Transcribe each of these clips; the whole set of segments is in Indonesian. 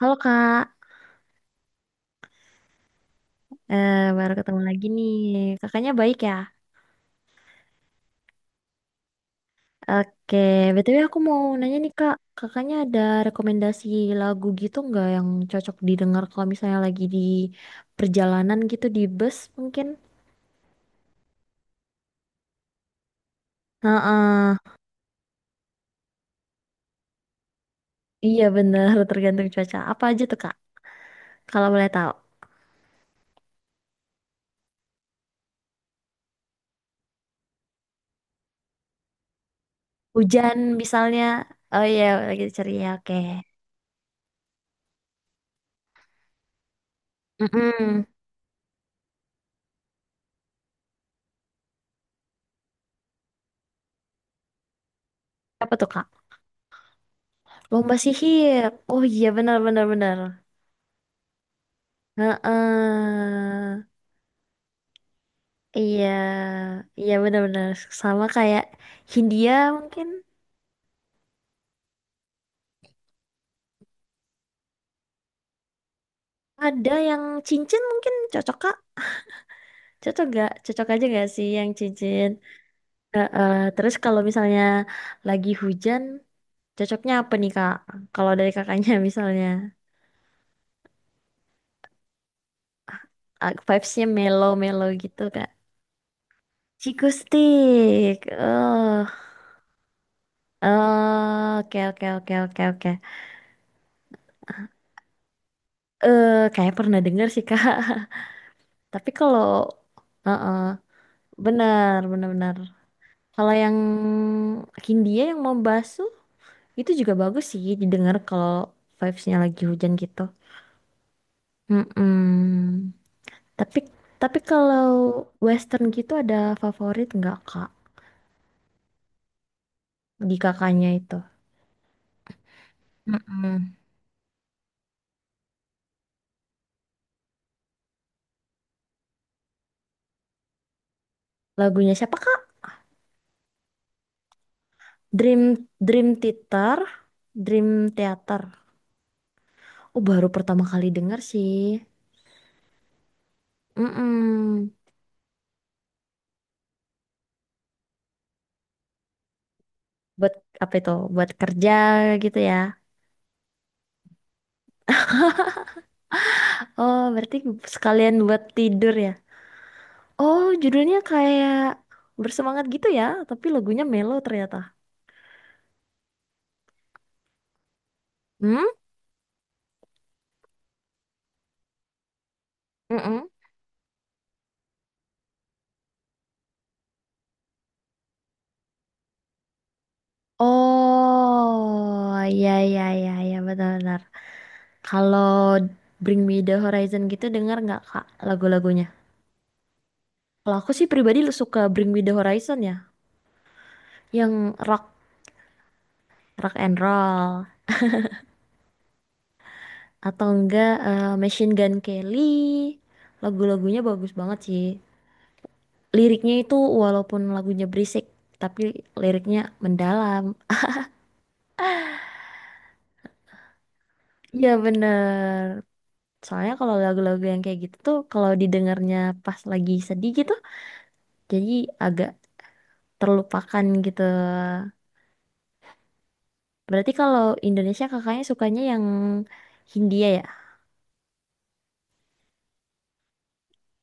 Halo Kak. Baru ketemu lagi nih. Kakaknya baik ya? Oke. BTW aku mau nanya nih Kak, kakaknya ada rekomendasi lagu gitu nggak yang cocok didengar kalau misalnya lagi di perjalanan gitu di bus mungkin? Heeh. Iya bener, tergantung cuaca. Apa aja tuh Kak, kalau boleh tahu? Hujan misalnya. Oh iya lagi ceria, oke. Mm-mm. Apa tuh Kak? Lomba sihir. Oh iya, benar benar benar. Heeh. Iya, iya benar-benar sama kayak Hindia mungkin, ada yang cincin mungkin cocok kak, cocok gak? Cocok aja gak sih yang cincin? Heeh. Terus kalau misalnya lagi hujan, cocoknya apa nih kak? Kalau dari kakaknya misalnya, vibes-nya mellow-mellow gitu kak. Ciku stick. Oh, oh, oke oke oke oke oke. Kayak pernah dengar sih kak. Tapi kalau, heeh, benar benar benar. Kalau yang Hindia yang mau basuh itu juga bagus sih didengar kalau vibes-nya lagi hujan gitu. Mm-mm. Tapi tapi kalau western gitu ada favorit nggak Kak di kakaknya itu? Mm-mm. Lagunya siapa Kak? Dream Dream Theater, Dream Theater. Oh baru pertama kali denger sih. Mm-mm. Buat apa itu? Buat kerja gitu ya. Oh berarti sekalian buat tidur ya. Oh, judulnya kayak bersemangat gitu ya, tapi lagunya mellow ternyata. Hmm? Mm-mm. Oh, ya ya ya ya benar-benar. Kalau Bring Me the Horizon gitu dengar nggak Kak lagu-lagunya? Kalau aku sih pribadi lu suka Bring Me the Horizon ya, yang rock rock and roll atau enggak Machine Gun Kelly. Lagu-lagunya bagus banget sih. Liriknya itu walaupun lagunya berisik, tapi liriknya mendalam. Iya bener. Soalnya kalau lagu-lagu yang kayak gitu tuh kalau didengarnya pas lagi sedih gitu jadi agak terlupakan gitu. Berarti kalau Indonesia kakaknya sukanya yang Hindia ya?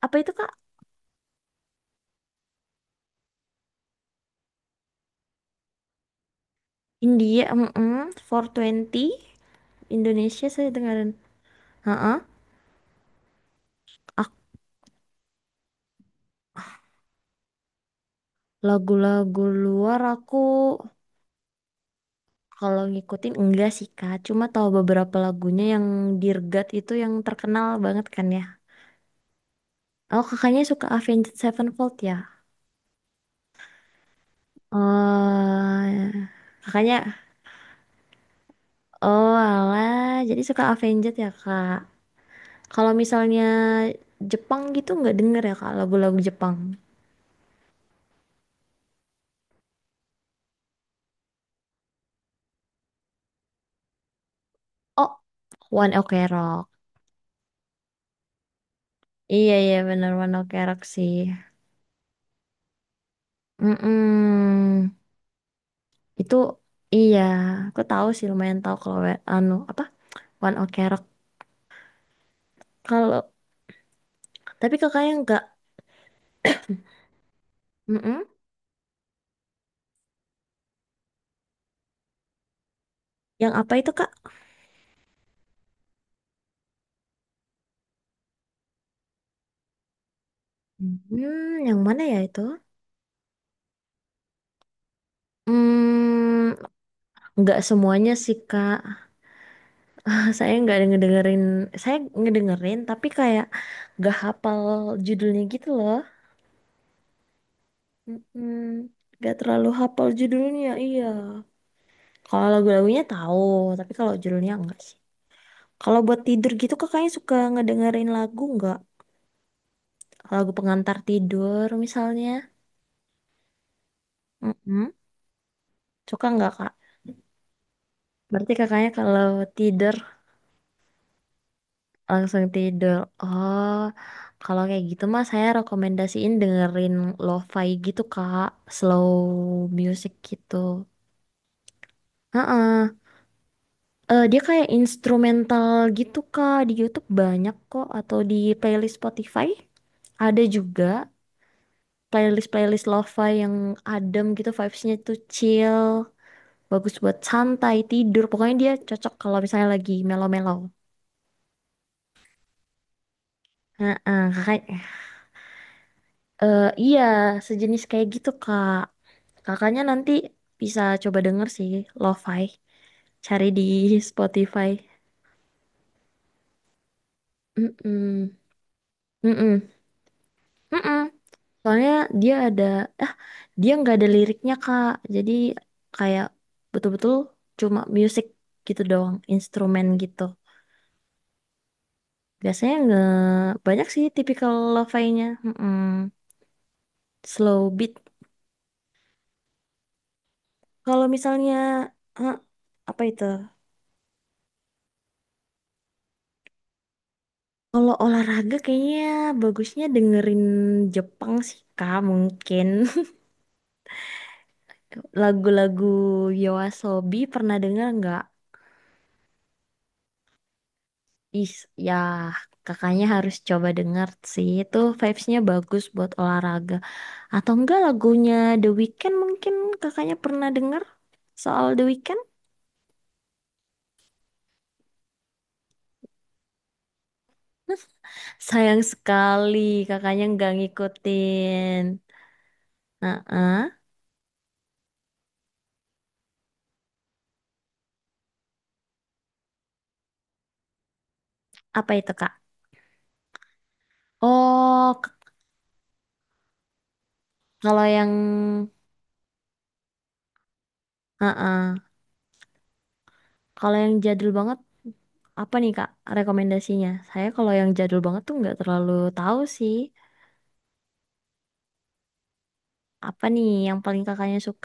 Apa itu Kak? India mm 420. Indonesia saya dengerin. Ak- Lagu-lagu luar aku kalau ngikutin enggak sih Kak, cuma tahu beberapa lagunya yang Dirgat itu yang terkenal banget kan ya. Oh kakaknya suka Avenged Sevenfold ya? Oh, kakaknya, oh alah, jadi suka Avenged ya kak. Kalau misalnya Jepang gitu nggak denger ya kak lagu-lagu Jepang. Oh, One Ok Rock. Iya iya bener One Ok Rock sih. Mm-mm. Itu iya, aku tahu sih lumayan tahu kalau we- anu apa One Ok Rock. Kalau tapi kakaknya nggak, mm. Yang apa itu kak? Hmm, yang mana ya itu? Hmm, nggak semuanya sih kak. Saya nggak ada ngedengerin, saya ngedengerin tapi kayak nggak hafal judulnya gitu loh. Mm-mm. Nggak terlalu hafal judulnya, iya. Kalau lagu-lagunya tahu, tapi kalau judulnya enggak sih. Kalau buat tidur gitu kakaknya suka ngedengerin lagu nggak? Lagu pengantar tidur misalnya. Mm-mm. Suka nggak kak? Berarti kakaknya kalau tidur langsung tidur. Oh, kalau kayak gitu mah saya rekomendasiin dengerin lo-fi gitu Kak, slow music gitu. Eh dia kayak instrumental gitu Kak, di YouTube banyak kok atau di playlist Spotify ada juga playlist-playlist lo-fi yang adem gitu vibes-nya tuh chill, bagus buat santai tidur. Pokoknya dia cocok kalau misalnya lagi melo-melo. Heeh, kakak. Iya, sejenis kayak gitu, Kak. Kakaknya nanti bisa coba denger sih, lo-fi. Cari di Spotify. Mm-mm. Mm-mm. Mm-mm. Soalnya dia ada, ah, dia nggak ada liriknya, Kak. Jadi kayak betul-betul cuma music gitu doang, instrumen gitu. Biasanya nggak banyak sih tipikal lo-fi-nya. Mm-mm. Slow beat. Kalau misalnya, ah apa itu? Kalau olahraga kayaknya bagusnya dengerin Jepang sih Kak mungkin. Lagu-lagu Yoasobi pernah denger nggak? Is ya, kakaknya harus coba denger sih itu vibes-nya bagus buat olahraga. Atau enggak lagunya The Weeknd mungkin kakaknya pernah denger soal The Weeknd? Sayang sekali kakaknya nggak ngikutin. Heeh. Apa itu Kak? Oh k- Kalau yang heeh. Kalau yang jadul banget, apa nih Kak rekomendasinya? Saya kalau yang jadul banget tuh nggak terlalu tahu sih. Apa nih yang paling kakaknya suka?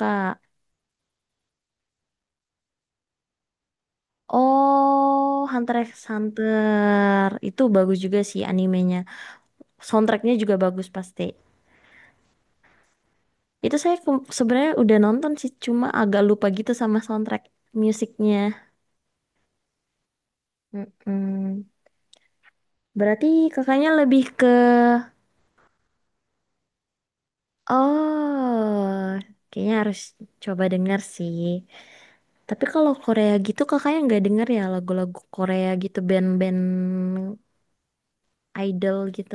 Oh, Hunter x Hunter. Itu bagus juga sih animenya. Soundtracknya juga bagus pasti. Itu saya sebenarnya udah nonton sih, cuma agak lupa gitu sama soundtrack musiknya. Mm-mm. Berarti kakaknya lebih ke... Oh, kayaknya harus coba denger sih. Tapi kalau Korea gitu kakaknya nggak denger ya lagu-lagu Korea gitu band-band idol gitu.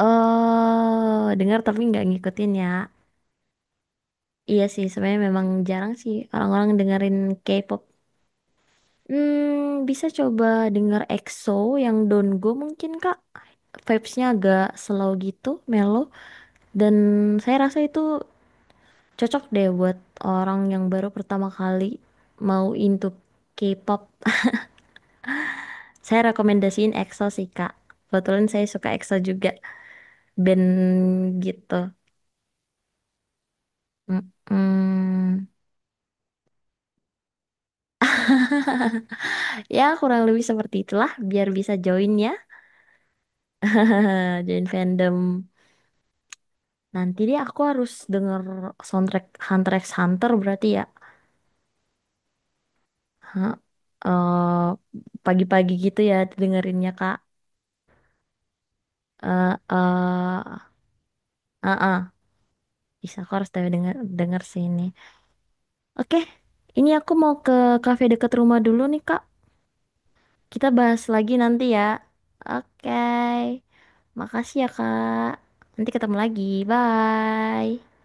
Oh, dengar tapi nggak ngikutin ya. Iya sih, sebenarnya memang jarang sih orang-orang dengerin K-pop. Hmm, bisa coba denger EXO yang Don't Go mungkin Kak. Vibes-nya agak slow gitu, mellow. Dan saya rasa itu cocok deh buat orang yang baru pertama kali mau into K-pop. Saya rekomendasiin EXO sih, Kak. Kebetulan saya suka EXO juga, band gitu. Mm-mm. Ya, kurang lebih seperti itulah, biar bisa join ya. Join fandom. Nanti deh aku harus denger soundtrack Hunter x Hunter berarti ya. Eh, Pagi-pagi gitu ya dengerinnya, Kak. Eh, eh, eh, eh. Bisa, aku harus denger sini. Oke, ini aku mau ke kafe deket rumah dulu nih, Kak. Kita bahas lagi nanti ya. Oke. Makasih ya, Kak. Nanti ketemu lagi. Bye.